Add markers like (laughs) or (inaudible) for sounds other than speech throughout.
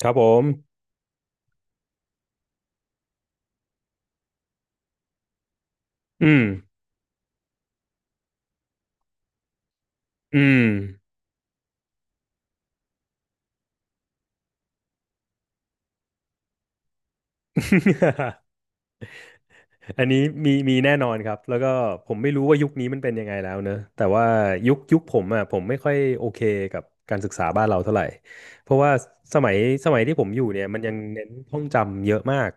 ครับผมอืมอืม (laughs) อันนี้มีแน่นอนครับแล้วก็ผมไม่รู้ว่ายุคนี้มันเป็นยังไงแล้วเนอะแต่ว่ายุคผมอ่ะผมไม่ค่อยโอเคกับการศึกษาบ้านเราเท่าไหร่เพราะว่าสมัยสมัยที่ผมอยู่เนี่ยมันยังเน้นท่องจำเยอะมาก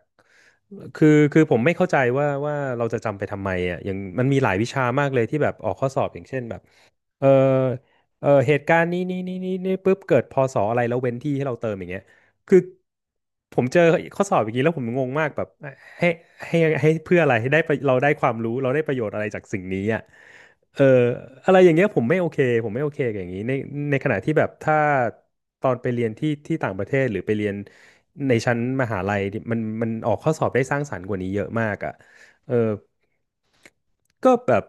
คือผมไม่เข้าใจว่าเราจะจำไปทำไมอ่ะอย่างมันมีหลายวิชามากเลยที่แบบออกข้อสอบอย่างเช่นแบบ เออเออเหตุการณ์นี้นี่ปุ๊บเกิดพศอะไรแล้วเว้นที่ให้เราเติมอย่างเงี้ยคือผมเจอข้อสอบอย่างนี้แล้วผมงงมากแบบให้ให้ให้เพื่ออะไรให้ได้ประเราได้ความรู้เราได้ประโยชน์อะไรจากสิ่งนี้อ่ะเอออะไรอย่างเงี้ยผมไม่โอเคผมไม่โอเคกับอย่างนี้ในในขณะที่แบบถ้าตอนไปเรียนที่ต่างประเทศหรือไปเรียนในชั้นมหาลัยมันออกข้อสอบได้สร้างสรรค์กว่านี้เยอะมากอ่ะเออ ก็แบบ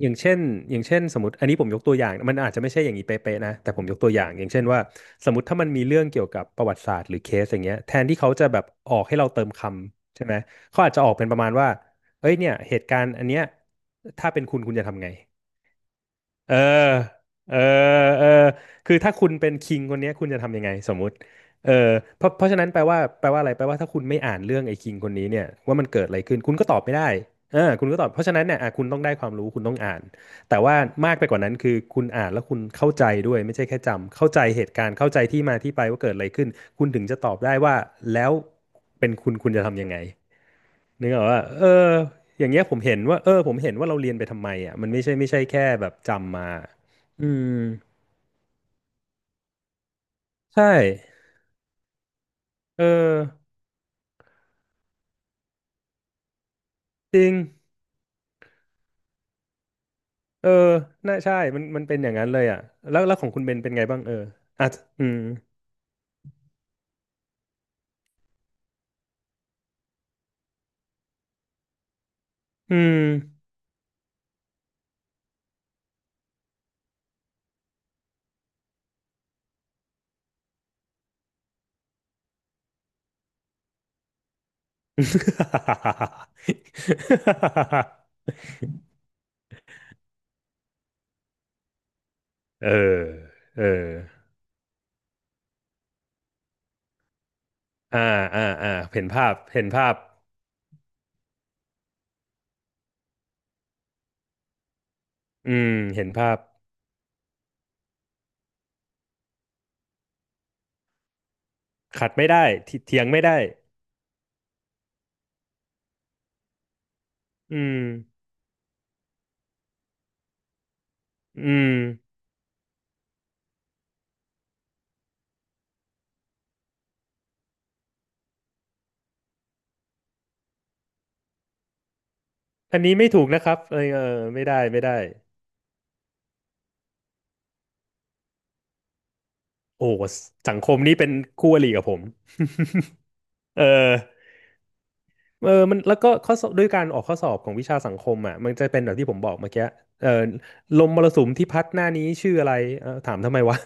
อย่างเช่นอย่างเช่นสมมติอันนี้ผมยกตัวอย่างมันอาจจะไม่ใช่อย่างนี้เป๊ะๆนะแต่ผมยกตัวอย่างอย่างเช่นว่าสมมติถ้ามันมีเรื่องเกี่ยวกับประวัติศาสตร์หรือเคสอย่างเงี้ยแทนที่เขาจะแบบออกให้เราเติมคำใช่ไหมเขาอาจจะออกเป็นประมาณว่าเอ้ยเนี่ยเหตุการณ์อันเนี้ยถ้าเป็นคุณคุณจะทำไง เออเออเออคือถ้าคุณเป็นคิงคนเนี้ยคุณจะทำยังไงสมมุติเออเพราะฉะนั้นแปลว่าอะไรแปลว่าถ้าคุณไม่อ่านเรื่องไอ้คิงคนนี้เนี่ยว่ามันเกิดอะไรขึ้นคุณก็ตอบไม่ได้เออคุณก็ตอบเพราะฉะนั้นเนี่ยอ่ะคุณต้องได้ความรู้คุณต้องอ่านแต่ว่ามากไปกว่านั้นคือคุณอ่านแล้วคุณเข้าใจด้วยไม่ใช่แค่จำเข้าใจเหตุการณ์เข้าใจที่มาที่ไปว่าเกิดอะไรขึ้นคุณถึงจะตอบได้ว่าแล้วเป็นคุณคุณจะทำยังไง นึกออกว่าเอออย่างเงี้ยผมเห็นว่าเราเรียนไปทำไมอ่ะมันไม่ใช่แค่แบบจำมาอืมใช่เออจริงเออน่าใช่มันเป็นอย่างนั้นเลยอ่ะแล้วของคุณเบนเป็นไงบ้างเอออ่ะอืมอืม (laughs) เออเอออ่าอ่าเห็นภาพเห็นภาพอืมเห็นภาพขัดไม่ได้ทิเถียงไม่ได้อืมอืม อันนี้ไม่ถูกนะครับเออเออไม่ได้โอ้สังคมนี้เป็นคู่อริกับผม (laughs) เออเออมันแล้วก็ข้อสอบด้วยการออกข้อสอบของวิชาสังคมอ่ะมันจะเป็นแบบที่ผมบอกเมื่อกี้เออลมมรสุมที่พัดหน้านี้ชื่ออะไรเออถามทำไมวะ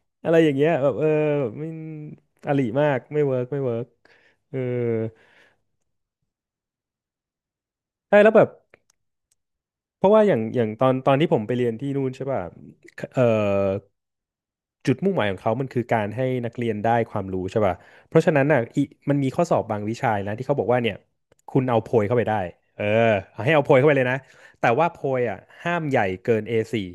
(laughs) อะไรอย่างเงี้ยแบบเออแบบไม่อริมากไม่เวิร์กเออใช่แล้วแบบ เพราะว่าอย่างอย่างตอนที่ผมไปเรียนที่นู่นใช่ป่ะเอ่อจุดมุ่งหมายของเขามันคือการให้นักเรียนได้ความรู้ใช่ป่ะเพราะฉะนั้นน่ะอีมันมีข้อสอบบางวิชานะที่เขาบอกว่าเนี่ยคุณเอาโพยเข้าไปได้เออให้เอาโพยเข้าไปเลยนะแต่ว่าโพยอ่ะห้ามใหญ่เกิน A4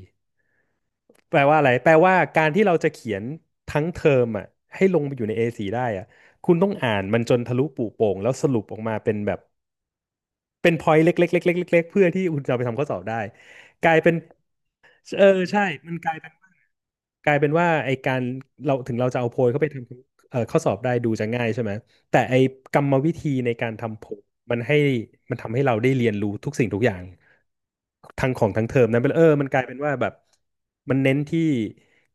แปลว่าอะไรแปลว่าการที่เราจะเขียนทั้งเทอมอ่ะให้ลงไปอยู่ใน A4 ได้อ่ะคุณต้องอ่านมันจนทะลุปุโปร่งแล้วสรุปออกมาเป็นแบบเป็นพอยต์เล็กๆๆๆๆเพื่อที่คุณจะเอาไปทำข้อสอบได้กลายเป็น เออใช่มันกลายเป็นว่าไอการเราถึงเราจะเอาโพยเข้าไปทำเอ่อข้อสอบได้ดูจะง่ายใช่ไหม แต่ไอกรรมวิธีในการทำโพยมันให้มันทำให้เราได้เรียนรู้ทุกสิ่งทุกอย่างทั้งของทั้งเทอมนั้นเป็นเออมันกลายเป็นว่าแบบมันเน้นที่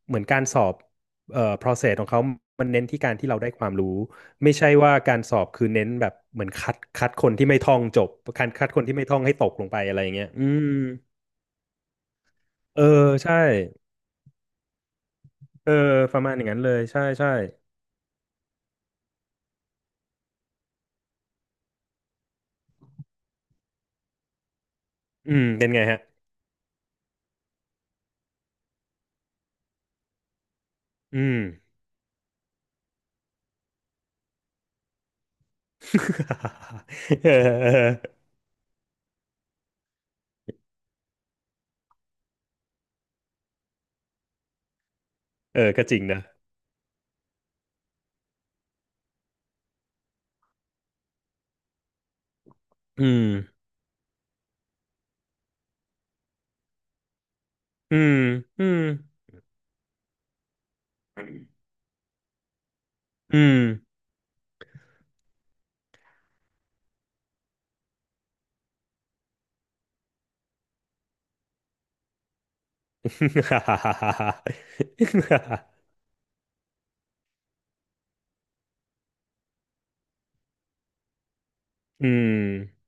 เหมือนการสอบเอ่อ process ของเขามันเน้นที่การที่เราได้ความรู้ไม่ใช่ว่าการสอบคือเน้นแบบเหมือนคัดคนที่ไม่ท่องจบการคัดคนที่ไม่ท่องให้ตกลงไปอะไรอย่างเงี้ยอืมเออใช่ เออประมาณอย่างนั้นเลย ใช่ใช่อืมเป็นไงฮะอืม (laughs) เออเออเออก็จริงนะอืมอืมอืมอืม (laughs) อืม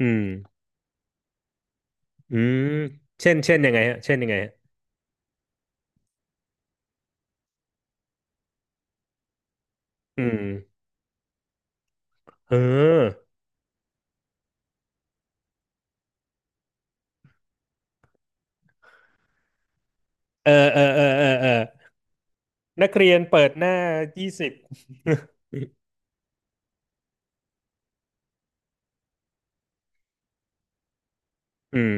อืมอืมเช่นยังไงฮะอืมเออเออเออ เออ เออเออนักเรียนเปิดหน้า20 (laughs) อืม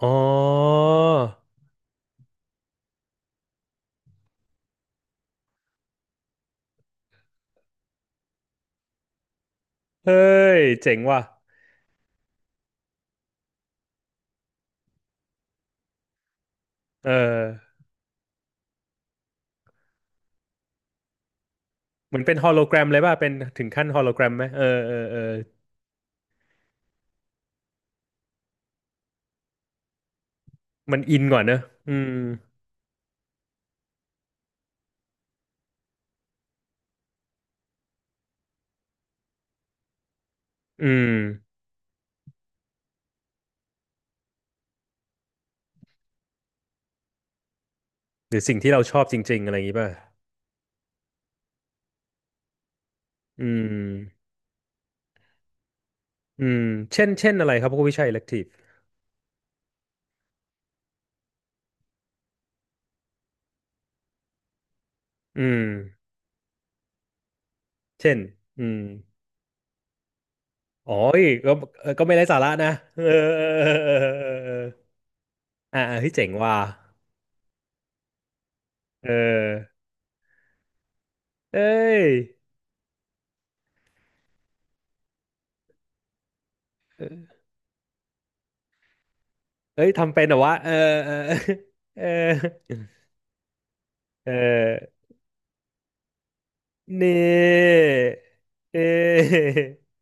อ๋อ เฮ้ย เจ๋งว่ะ เออ เหมือนเป็นฮอลโลแกรมเลยป่ะเป็นถึงขั้นฮอลโลแกรมไหมเออเออเออมันอินก่อนเนอะอืมอืมหรือสิ่งที่เราชอบจริงๆอะไรอย่างนี้ป่ะอืมอืมเช่นเช่นอะไรครับพวกวิชาอิเล็กทีฟอืมเช่นอืมอ๋อเอ้ยก็เออก็ไม่ไร้สาระนะเออเออเออเออเอออ่าเฮ้ยเจ๋งว่ะเออเอ้ยเอ้ยทำเป็นเหรอวะเออเออเออเออนี่เออ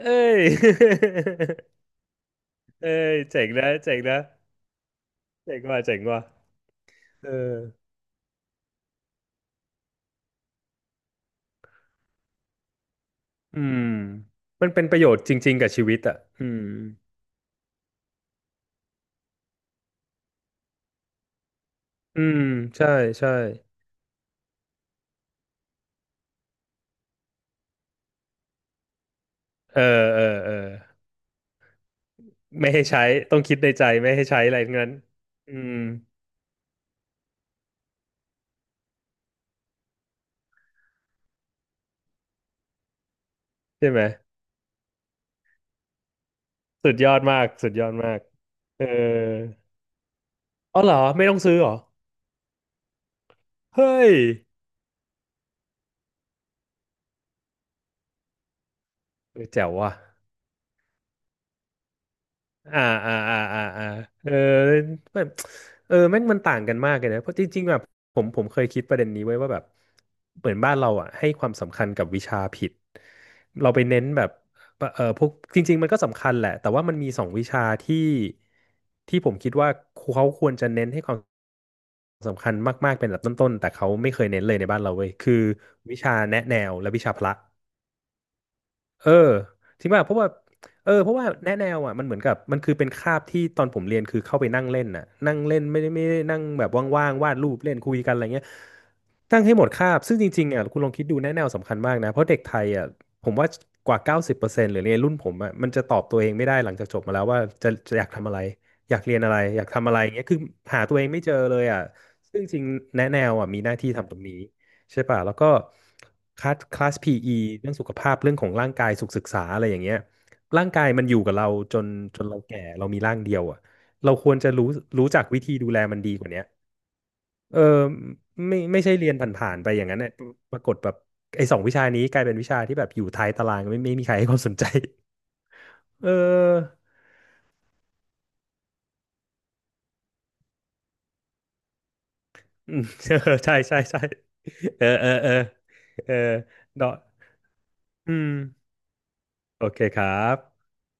เอ้ย (laughs) เอ้ยเจ๋งนะเจ๋งนะเจ๋งว่ะเจ๋งว่ะเอออืมมันเป็นประโยชน์จริงๆกับชีวิตอ่ะอืมอืมใช่ใช่เออเออเออไม่ให้ใช้ต้องคิดในใจไม่ให้ใช้อะไรทั้งนั้นอืมใช่ไหมสุดยอดมากสุดยอดมากเอออ๋อเหรอไม่ต้องซื้อเหรอเฮ้ยเออแจ๋วว่ะ อ่าอ่าอ่าอ่าอ่าเออแบบเออแม่งมันต่างกันมากเลยนะเพราะจริงๆแบบผมเคยคิดประเด็นนี้ไว้ว่าแบบเหมือนบ้านเราอ่ะให้ความสำคัญกับวิชาผิดเราไปเน้นแบบเออพวกจริงๆมันก็สำคัญแหละแต่ว่ามันมีสองวิชาที่ผมคิดว่าเขาควรจะเน้นให้ความสำคัญมากๆเป็นลำดับต้นๆแต่เขาไม่เคยเน้นเลยในบ้านเราเว้ยคือวิชาแนะแนวและวิชาพละ เออที่ว่าเพราะว่าเออเพราะว่าแนะแนวอ่ะมันเหมือนกับมันคือเป็นคาบที่ตอนผมเรียนคือเข้าไปนั่งเล่นน่ะนั่งเล่นไม่ได้นั่งแบบว่างๆวาดรูปเล่นคุยกันอะไรเงี้ยตั้งให้หมดคาบซึ่งจริงๆอ่ะคุณลองคิดดูแนะแนวสำคัญมากนะเพราะเด็กไทยอ่ะผมว่ากว่า90%หรือในรุ่นผมอ่ะมันจะตอบตัวเองไม่ได้หลังจากจบมาแล้วว่าจะอยากทำอะไรอยากเรียนอะไรอยากทำอะไรเงี้ยคือหาตัวเองไม่เจอเลยอ่ะซึ่งจริงๆแนะแนวอ่ะมีหน้าที่ทำตรงนี้ ใช่ป่ะแล้วก็คลาส PE เรื่องสุขภาพเรื่องของร่างกายสุขศึกษาอะไรอย่างเงี้ยร่างกายมันอยู่กับเราจนจนเราแก่เรามีร่างเดียวอ่ะเราควรจะรู้รู้จักวิธีดูแลมันดีกว่าเนี้ยเออไม่ใช่เรียนผ่านๆไปอย่างนั้นเนี่ยปรากฏแบบไอ้สองวิชานี้กลายเป็นวิชาที่แบบอยู่ท้ายตารางไม่มีใครให้ความสนใจเอออืม (laughs) เออใช่ใช่ใช่เออเออเออเออเนาะอืมโอเคครับ